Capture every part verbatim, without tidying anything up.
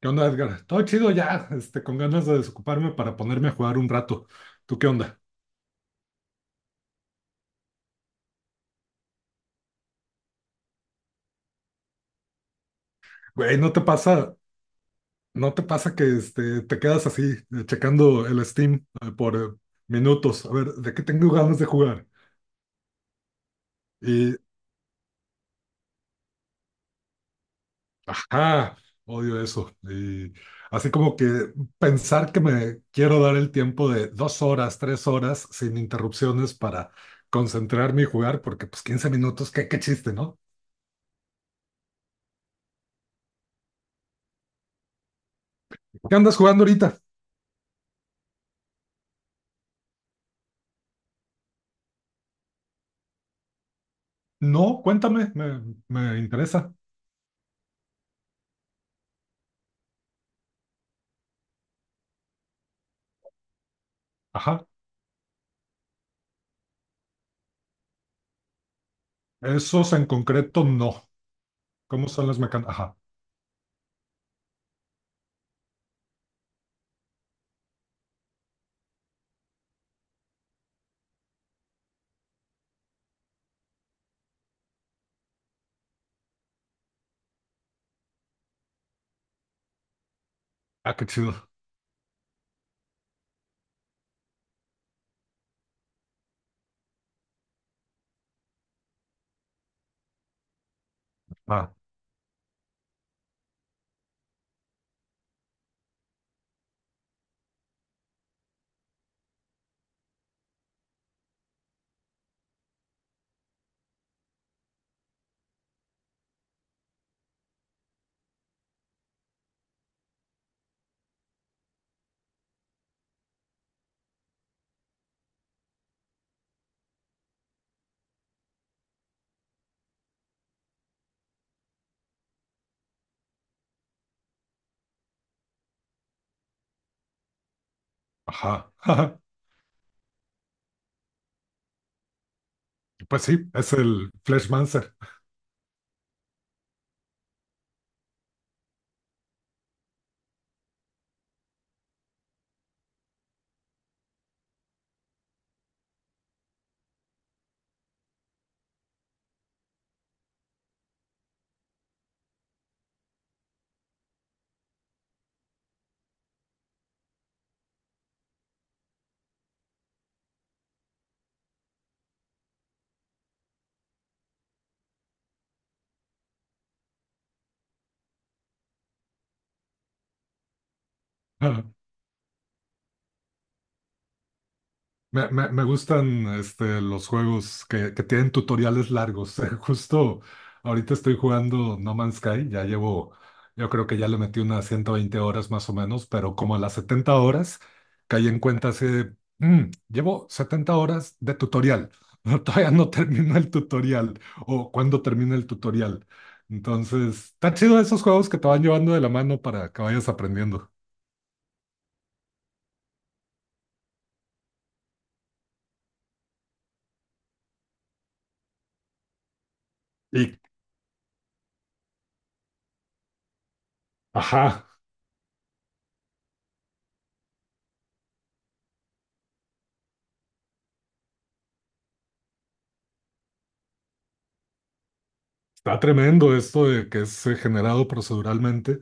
¿Qué onda, Edgar? Todo chido ya, este, con ganas de desocuparme para ponerme a jugar un rato. ¿Tú qué onda? Güey, ¿no te pasa, no te pasa que este, te quedas así, eh, checando el Steam eh, por eh, minutos? A ver, ¿de qué tengo ganas de jugar? Y, ajá, odio eso. Y así como que pensar que me quiero dar el tiempo de dos horas, tres horas, sin interrupciones para concentrarme y jugar, porque pues quince minutos, qué, qué chiste, ¿no? ¿Qué andas jugando ahorita? No, cuéntame, me, me interesa. Ajá. Esos en concreto no. ¿Cómo son las mecánicas? Ajá. Ah, qué chido. Ah, ajá. Pues sí, es el Flashmancer. Me, me- me gustan este, los juegos que, que tienen tutoriales largos. Justo ahorita estoy jugando No Man's Sky, ya llevo, yo creo que ya le metí unas ciento veinte horas más o menos, pero como a las setenta horas caí en cuenta hace, "Mm, llevo setenta horas de tutorial, todavía no termino el tutorial o cuando termina el tutorial". Entonces, está chido esos juegos que te van llevando de la mano para que vayas aprendiendo. Y, ajá. Está tremendo esto de que es eh, generado proceduralmente.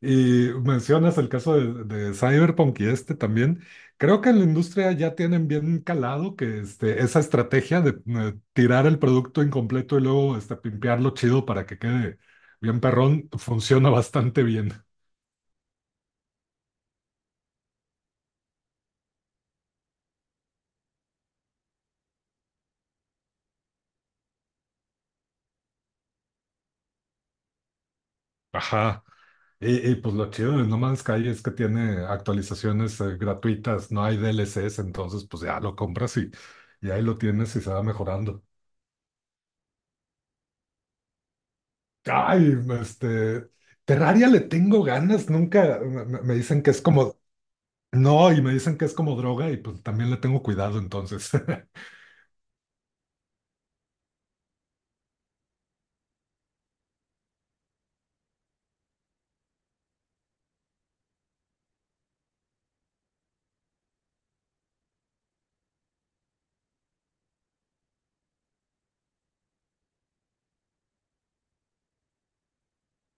Y mencionas el caso de, de Cyberpunk y este también. Creo que en la industria ya tienen bien calado que este, esa estrategia de eh, tirar el producto incompleto y luego este, pimpearlo chido para que quede bien perrón funciona bastante bien. Ajá. Y, y, pues lo chido de No Man's Sky es que tiene actualizaciones eh, gratuitas, no hay D L D L Cs, entonces pues ya lo compras y, y ahí lo tienes y se va mejorando. Ay, este, Terraria le tengo ganas, nunca me, me- me dicen que es como, no, y me dicen que es como droga y pues también le tengo cuidado entonces.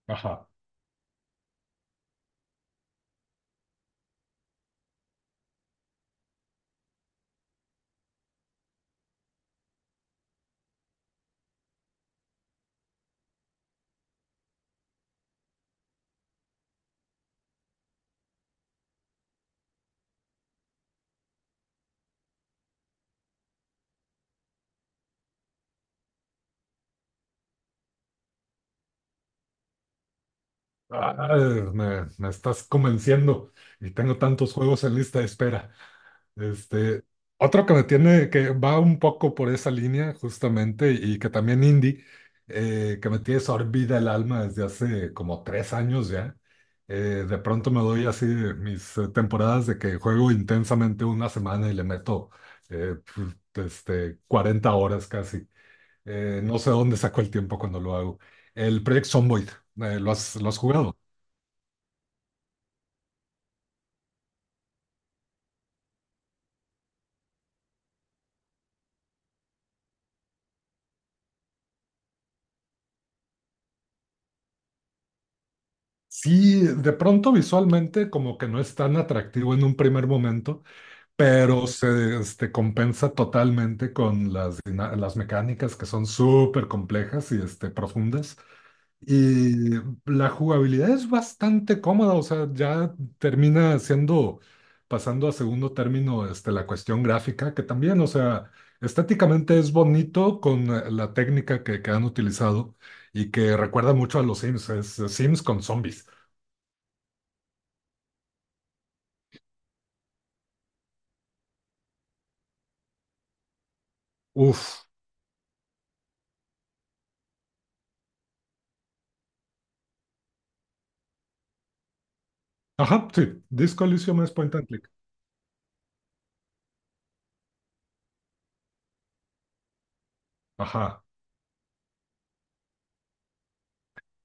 Ajá. Ah, me, me estás convenciendo y tengo tantos juegos en lista de espera. Este, Otro que me tiene, que va un poco por esa línea justamente y que también indie, eh, que me tiene sorbida el alma desde hace como tres años ya. Eh, de pronto me doy así mis eh, temporadas de que juego intensamente una semana y le meto eh, pf, este, cuarenta horas casi. Eh, no sé dónde saco el tiempo cuando lo hago. El Project Zomboid, eh, ¿lo has, lo has jugado? Sí, de pronto visualmente como que no es tan atractivo en un primer momento, pero se este, compensa totalmente con las, dina- las mecánicas que son súper complejas y este, profundas. Y la jugabilidad es bastante cómoda, o sea, ya termina siendo, pasando a segundo término, este, la cuestión gráfica, que también, o sea, estéticamente es bonito con eh, la técnica que, que han utilizado y que recuerda mucho a los Sims, es eh, Sims con zombies. Uf. Ajá, sí. Disco Elysium es point and click. Ajá.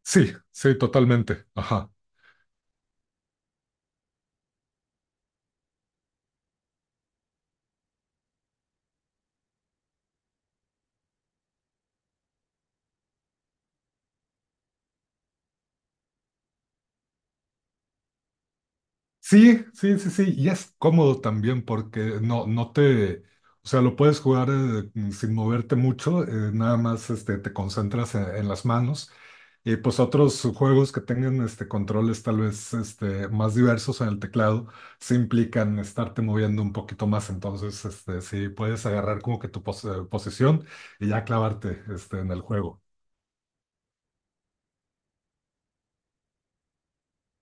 Sí, sí, totalmente. Ajá. Sí, sí, sí, sí. Y es cómodo también porque no, no te. O sea, lo puedes jugar eh, sin moverte mucho, eh, nada más este, te concentras en, en las manos. Y pues otros juegos que tengan este, controles tal vez este, más diversos en el teclado, sí implican estarte moviendo un poquito más. Entonces, este, sí puedes agarrar como que tu pos- eh, posición y ya clavarte este, en el juego.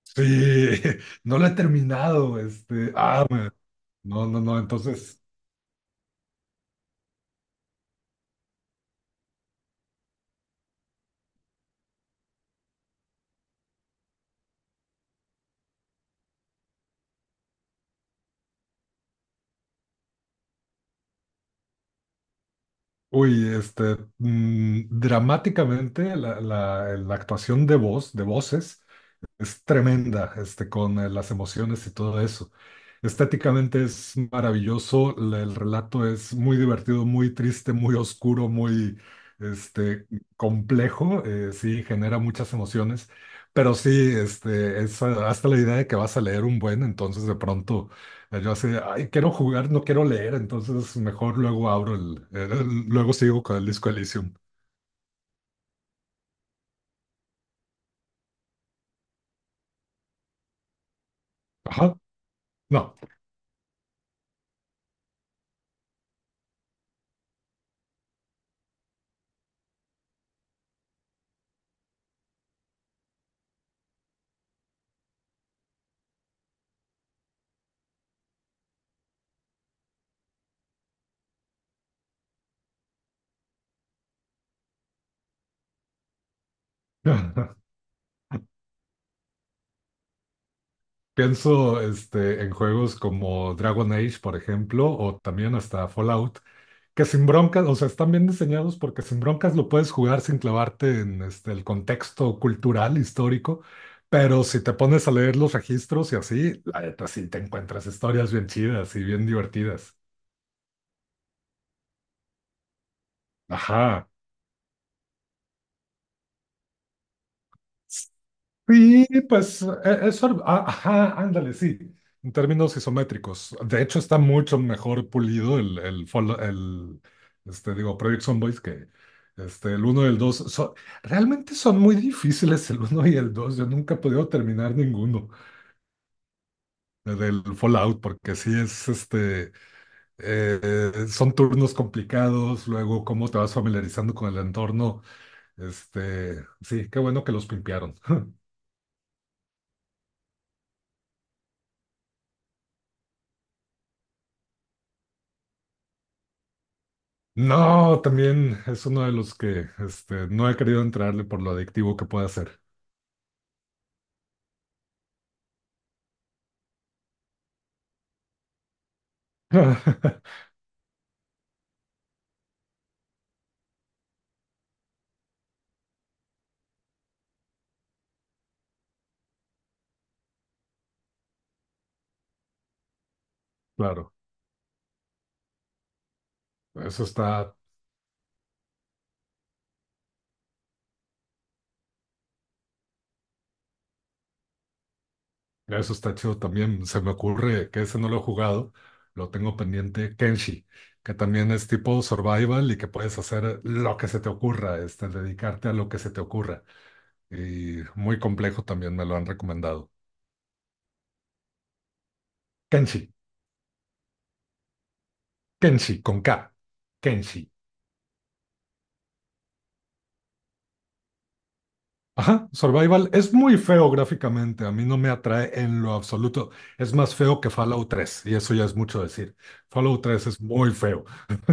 Sí, no lo he terminado, este, ah, me- no, no, no, entonces, uy, este, mm, dramáticamente la, la, la actuación de voz, de voces, es tremenda, este, con eh, las emociones y todo eso. Estéticamente es maravilloso, la- el relato es muy divertido, muy triste, muy oscuro, muy este, complejo, eh, sí, genera muchas emociones, pero sí, este, es ah, hasta la idea de que vas a leer un buen, entonces de pronto eh, yo así, de, ay, quiero jugar, no quiero leer, entonces mejor luego abro el, el- el- luego sigo con el Disco Elysium. Ajá, no. Pienso este, en juegos como Dragon Age, por ejemplo, o también hasta Fallout, que sin broncas, o sea, están bien diseñados porque sin broncas lo puedes jugar sin clavarte en este, el contexto cultural, histórico, pero si te pones a leer los registros y así, la neta sí te encuentras historias bien chidas y bien divertidas. Ajá. Sí, pues e- es, sor- a- ajá, ándale, sí, en términos isométricos. De hecho, está mucho mejor pulido el, el, follow- el, este, digo, Project Zomboid que este, el uno y el dos. Son- realmente son muy difíciles el uno y el dos. Yo nunca he podido terminar ninguno eh, del Fallout porque sí es, este, eh, son turnos complicados, luego cómo te vas familiarizando con el entorno. Este, sí, qué bueno que los pimpearon. No, también es uno de los que este, no he querido entrarle por lo adictivo que puede ser. Claro, eso está, eso está chido también. Se me ocurre que ese no lo he jugado, lo tengo pendiente. Kenshi, que también es tipo survival y que puedes hacer lo que se te ocurra, este, dedicarte a lo que se te ocurra. Y muy complejo también me lo han recomendado. Kenshi, Kenshi con K, Kenshi. Ajá, Survival es muy feo gráficamente, a mí no me atrae en lo absoluto. Es más feo que Fallout tres y eso ya es mucho decir. Fallout tres es muy feo.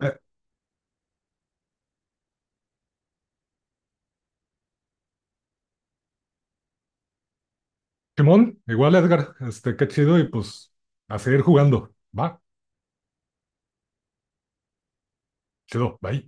Eh, Simón, igual Edgar, este, qué chido y pues a seguir jugando. Va, chido, bye.